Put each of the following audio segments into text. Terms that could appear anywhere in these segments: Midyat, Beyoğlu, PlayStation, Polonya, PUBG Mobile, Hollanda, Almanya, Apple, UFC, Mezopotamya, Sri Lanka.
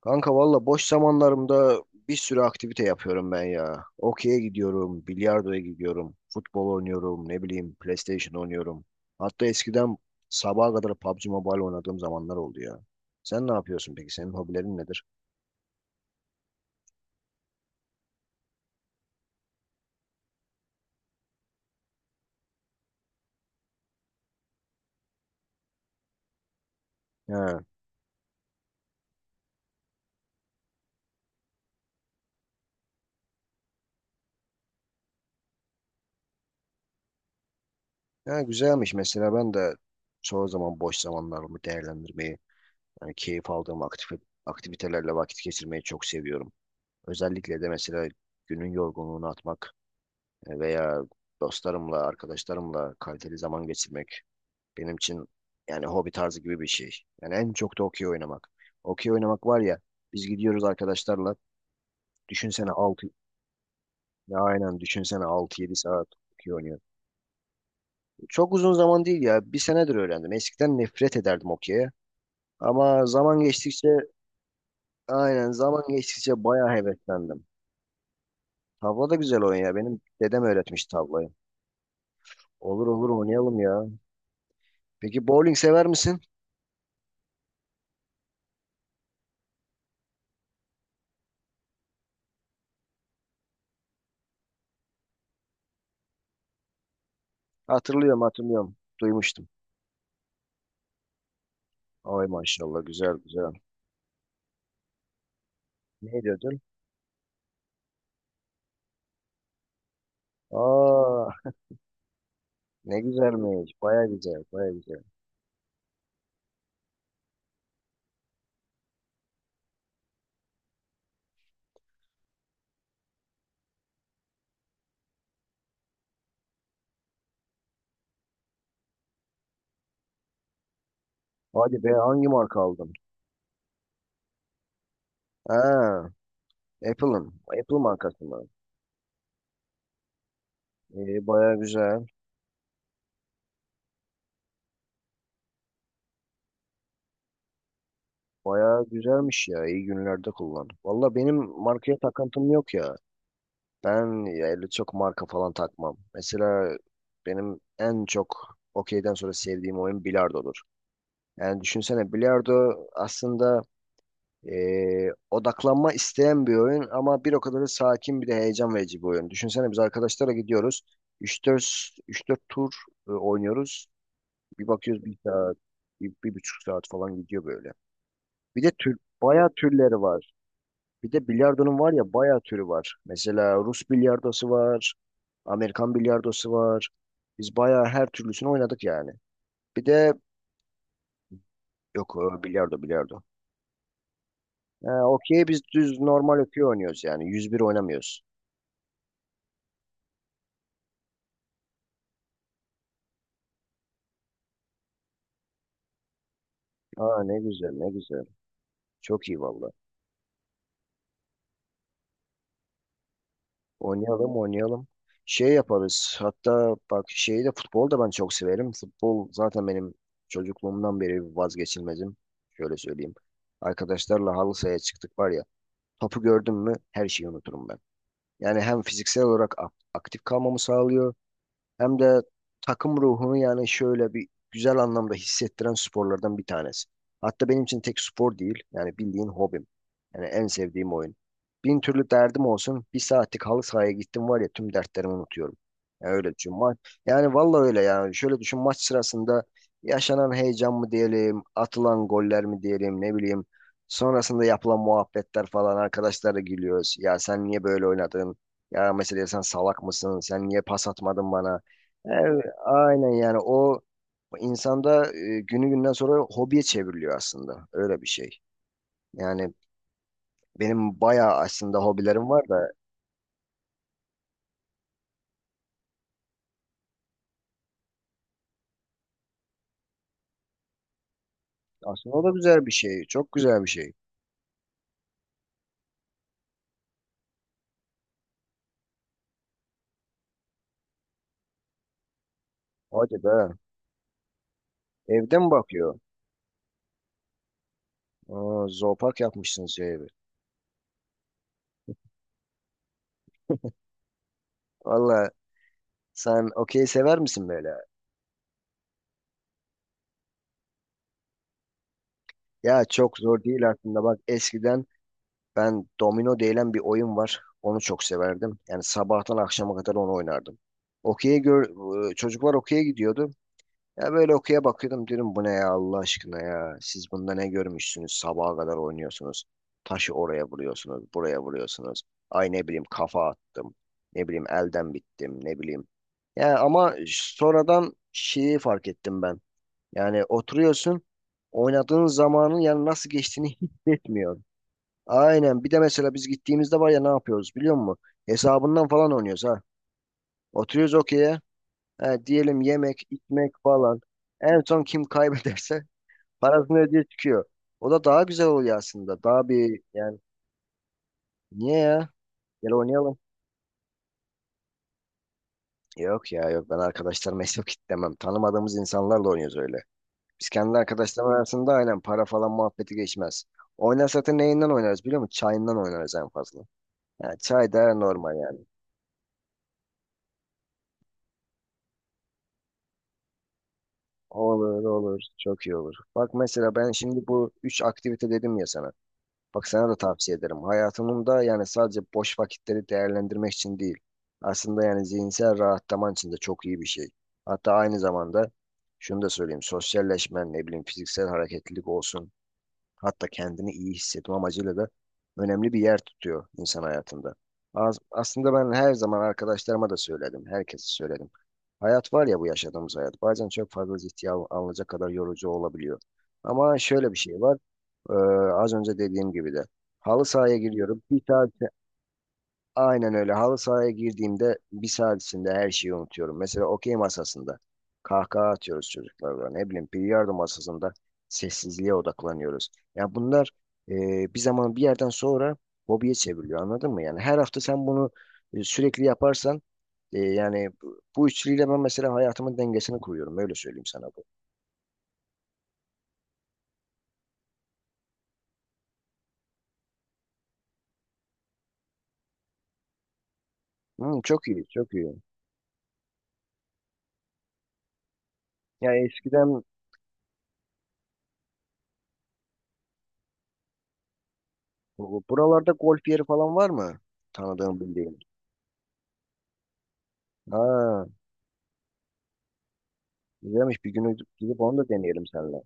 Kanka valla boş zamanlarımda bir sürü aktivite yapıyorum ben ya. Okey'e gidiyorum, bilardoya gidiyorum, futbol oynuyorum, ne bileyim PlayStation oynuyorum. Hatta eskiden sabaha kadar PUBG Mobile oynadığım zamanlar oldu ya. Sen ne yapıyorsun peki? Senin hobilerin nedir? Ha, ha güzelmiş. Mesela ben de çoğu zaman boş zamanlarımı değerlendirmeyi, yani keyif aldığım aktivitelerle vakit geçirmeyi çok seviyorum. Özellikle de mesela günün yorgunluğunu atmak veya dostlarımla, arkadaşlarımla kaliteli zaman geçirmek benim için yani hobi tarzı gibi bir şey. Yani en çok da okey oynamak. Okey oynamak var ya biz gidiyoruz arkadaşlarla düşünsene 6 ya aynen düşünsene 6 yedi saat okey oynuyor. Çok uzun zaman değil ya. Bir senedir öğrendim. Eskiden nefret ederdim okey'e. Ama zaman geçtikçe aynen zaman geçtikçe bayağı heveslendim. Tavla da güzel oyun ya. Benim dedem öğretmiş tavlayı. Olur olur oynayalım ya. Peki bowling sever misin? Hatırlıyorum hatırlıyorum. Duymuştum. Ay maşallah güzel güzel. Ne diyordun? Aa ne güzelmiş. Baya güzel baya güzel. Hadi be hangi marka aldın? Ha Apple'ın. Apple markası mı? Baya güzel. Baya güzelmiş ya. İyi günlerde kullan. Valla benim markaya takıntım yok ya. Ben ya öyle çok marka falan takmam. Mesela benim en çok okeyden sonra sevdiğim oyun bilardodur. Yani düşünsene bilardo aslında Odaklanma isteyen bir oyun ama bir o kadar da sakin bir de heyecan verici bir oyun. Düşünsene biz arkadaşlara gidiyoruz. Üç dört üç dört tur oynuyoruz. Bir bakıyoruz bir saat, bir buçuk saat falan gidiyor böyle. Bir de bayağı türleri var. Bir de bilardonun var ya bayağı türü var. Mesela Rus bilardosu var. Amerikan bilardosu var. Biz bayağı her türlüsünü oynadık yani. Bir de yok bilardo bilardo. Ha, okey biz düz normal okey oynuyoruz yani. 101 oynamıyoruz. Aa ne güzel ne güzel. Çok iyi valla. Oynayalım oynayalım. Şey yaparız. Hatta bak şeyi de futbol da ben çok severim. Futbol zaten benim çocukluğumdan beri vazgeçilmezim. Şöyle söyleyeyim. Arkadaşlarla halı sahaya çıktık var ya. Topu gördüm mü her şeyi unuturum ben. Yani hem fiziksel olarak aktif kalmamı sağlıyor. Hem de takım ruhunu yani şöyle bir güzel anlamda hissettiren sporlardan bir tanesi. Hatta benim için tek spor değil. Yani bildiğin hobim. Yani en sevdiğim oyun. Bin türlü derdim olsun. Bir saatlik halı sahaya gittim var ya tüm dertlerimi unutuyorum. Yani öyle düşün. Yani vallahi öyle yani. Şöyle düşün maç sırasında yaşanan heyecan mı diyelim, atılan goller mi diyelim ne bileyim. Sonrasında yapılan muhabbetler falan arkadaşlarla gülüyoruz. Ya sen niye böyle oynadın? Ya mesela sen salak mısın? Sen niye pas atmadın bana? Evet, aynen yani o insanda günü günden sonra hobiye çevriliyor aslında. Öyle bir şey. Yani benim bayağı aslında hobilerim var da aslında o da güzel bir şey. Çok güzel bir şey. Hadi be. Evde mi bakıyor? Aa, zoopark yapmışsınız şey evi. Valla sen okey sever misin böyle? Ya çok zor değil aslında. Bak eskiden ben domino denilen bir oyun var. Onu çok severdim. Yani sabahtan akşama kadar onu oynardım. Okey'e gör, çocuklar okey'e gidiyordu. Ya böyle okuya bakıyordum dedim bu ne ya Allah aşkına ya. Siz bunda ne görmüşsünüz? Sabaha kadar oynuyorsunuz. Taşı oraya vuruyorsunuz, buraya vuruyorsunuz. Ay ne bileyim kafa attım. Ne bileyim elden bittim, ne bileyim. Ya ama sonradan şeyi fark ettim ben. Yani oturuyorsun, oynadığın zamanın yani nasıl geçtiğini hissetmiyorsun. Aynen. Bir de mesela biz gittiğimizde var ya ne yapıyoruz biliyor musun? Hesabından falan oynuyoruz ha. Oturuyoruz okey diyelim yemek, içmek falan. En son kim kaybederse parasını ödeye çıkıyor. O da daha güzel oluyor aslında. Daha bir yani niye ya? Gel oynayalım. Yok ya yok ben arkadaşlarıma yok demem. Tanımadığımız insanlarla oynuyoruz öyle. Biz kendi arkadaşlarımız arasında aynen para falan muhabbeti geçmez. Oynarsak da neyinden oynarız biliyor musun? Çayından oynarız en fazla. Yani çay da normal yani. Olur olur çok iyi olur. Bak mesela ben şimdi bu üç aktivite dedim ya sana. Bak sana da tavsiye ederim. Hayatının da yani sadece boş vakitleri değerlendirmek için değil. Aslında yani zihinsel rahatlaman için de çok iyi bir şey. Hatta aynı zamanda şunu da söyleyeyim. Sosyalleşmen, ne bileyim fiziksel hareketlilik olsun. Hatta kendini iyi hissetme amacıyla da önemli bir yer tutuyor insan hayatında. Aslında ben her zaman arkadaşlarıma da söyledim. Herkese söyledim. Hayat var ya bu yaşadığımız hayat. Bazen çok fazla ciddiye alınacak kadar yorucu olabiliyor. Ama şöyle bir şey var. Ee, az önce dediğim gibi de. Halı sahaya giriyorum. Bir saat. Aynen öyle. Halı sahaya girdiğimde bir saat içinde her şeyi unutuyorum. Mesela okey masasında kahkaha atıyoruz çocuklarla. Ne bileyim bilardo masasında sessizliğe odaklanıyoruz. Ya bunlar bir zaman bir yerden sonra hobiye çevriliyor anladın mı? Yani her hafta sen bunu sürekli yaparsan yani bu üçlüyle ben mesela hayatımın dengesini kuruyorum. Öyle söyleyeyim sana bu. Hmm, çok iyi, çok iyi. Ya eskiden buralarda golf yeri falan var mı? Tanıdığım bildiğin. Ha. Güzelmiş bir günü gidip onu da deneyelim seninle.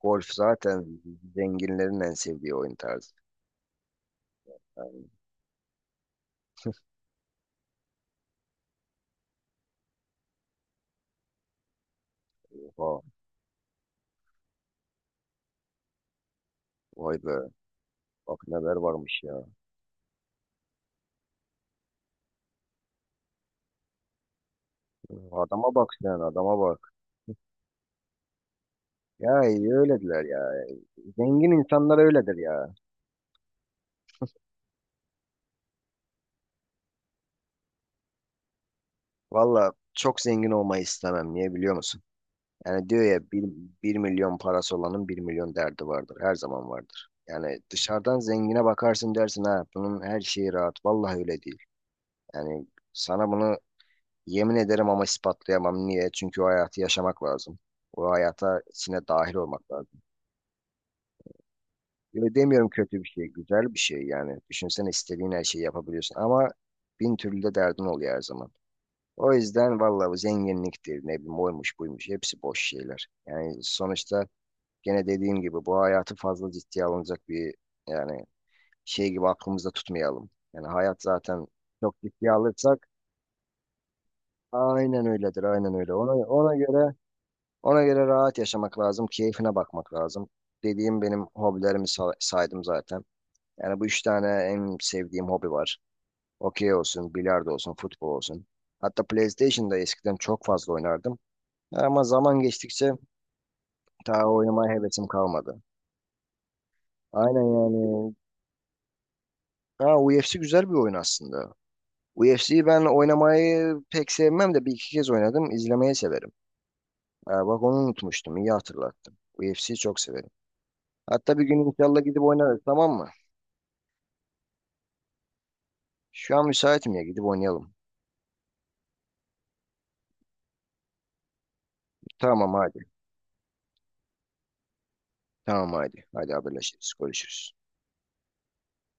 Golf zaten zenginlerin en sevdiği oyun tarzı. Yani, oha, vay be bak neler varmış ya. Adama bak sen adama bak. Ya iyi öyledir ya. Zengin insanlar öyledir ya. Valla çok zengin olmayı istemem. Niye biliyor musun? Yani diyor ya 1 milyon parası olanın 1 milyon derdi vardır. Her zaman vardır. Yani dışarıdan zengine bakarsın dersin ha bunun her şeyi rahat. Vallahi öyle değil. Yani sana bunu. Yemin ederim ama ispatlayamam. Niye? Çünkü o hayatı yaşamak lazım. O hayata içine dahil olmak lazım. Öyle demiyorum kötü bir şey, güzel bir şey yani. Düşünsene istediğin her şeyi yapabiliyorsun ama bin türlü de derdin oluyor her zaman. O yüzden vallahi bu zenginliktir, ne bileyim oymuş buymuş hepsi boş şeyler. Yani sonuçta gene dediğim gibi bu hayatı fazla ciddiye alınacak bir yani şey gibi aklımızda tutmayalım. Yani hayat zaten çok ciddiye alırsak aynen öyledir, aynen öyle. Ona göre. Ona göre rahat yaşamak lazım, keyfine bakmak lazım. Dediğim benim hobilerimi saydım zaten. Yani bu üç tane en sevdiğim hobi var. Okey olsun, bilardo olsun, futbol olsun. Hatta PlayStation'da eskiden çok fazla oynardım. Ama zaman geçtikçe daha oynamaya hevesim kalmadı. Aynen yani. Ha, UFC güzel bir oyun aslında. UFC'yi ben oynamayı pek sevmem de bir iki kez oynadım. İzlemeyi severim. Ha, bak onu unutmuştum. İyi hatırlattın. UFC'yi çok severim. Hatta bir gün inşallah gidip oynarız tamam mı? Şu an müsaitim ya gidip oynayalım. Tamam hadi. Tamam hadi. Hadi haberleşiriz. Görüşürüz.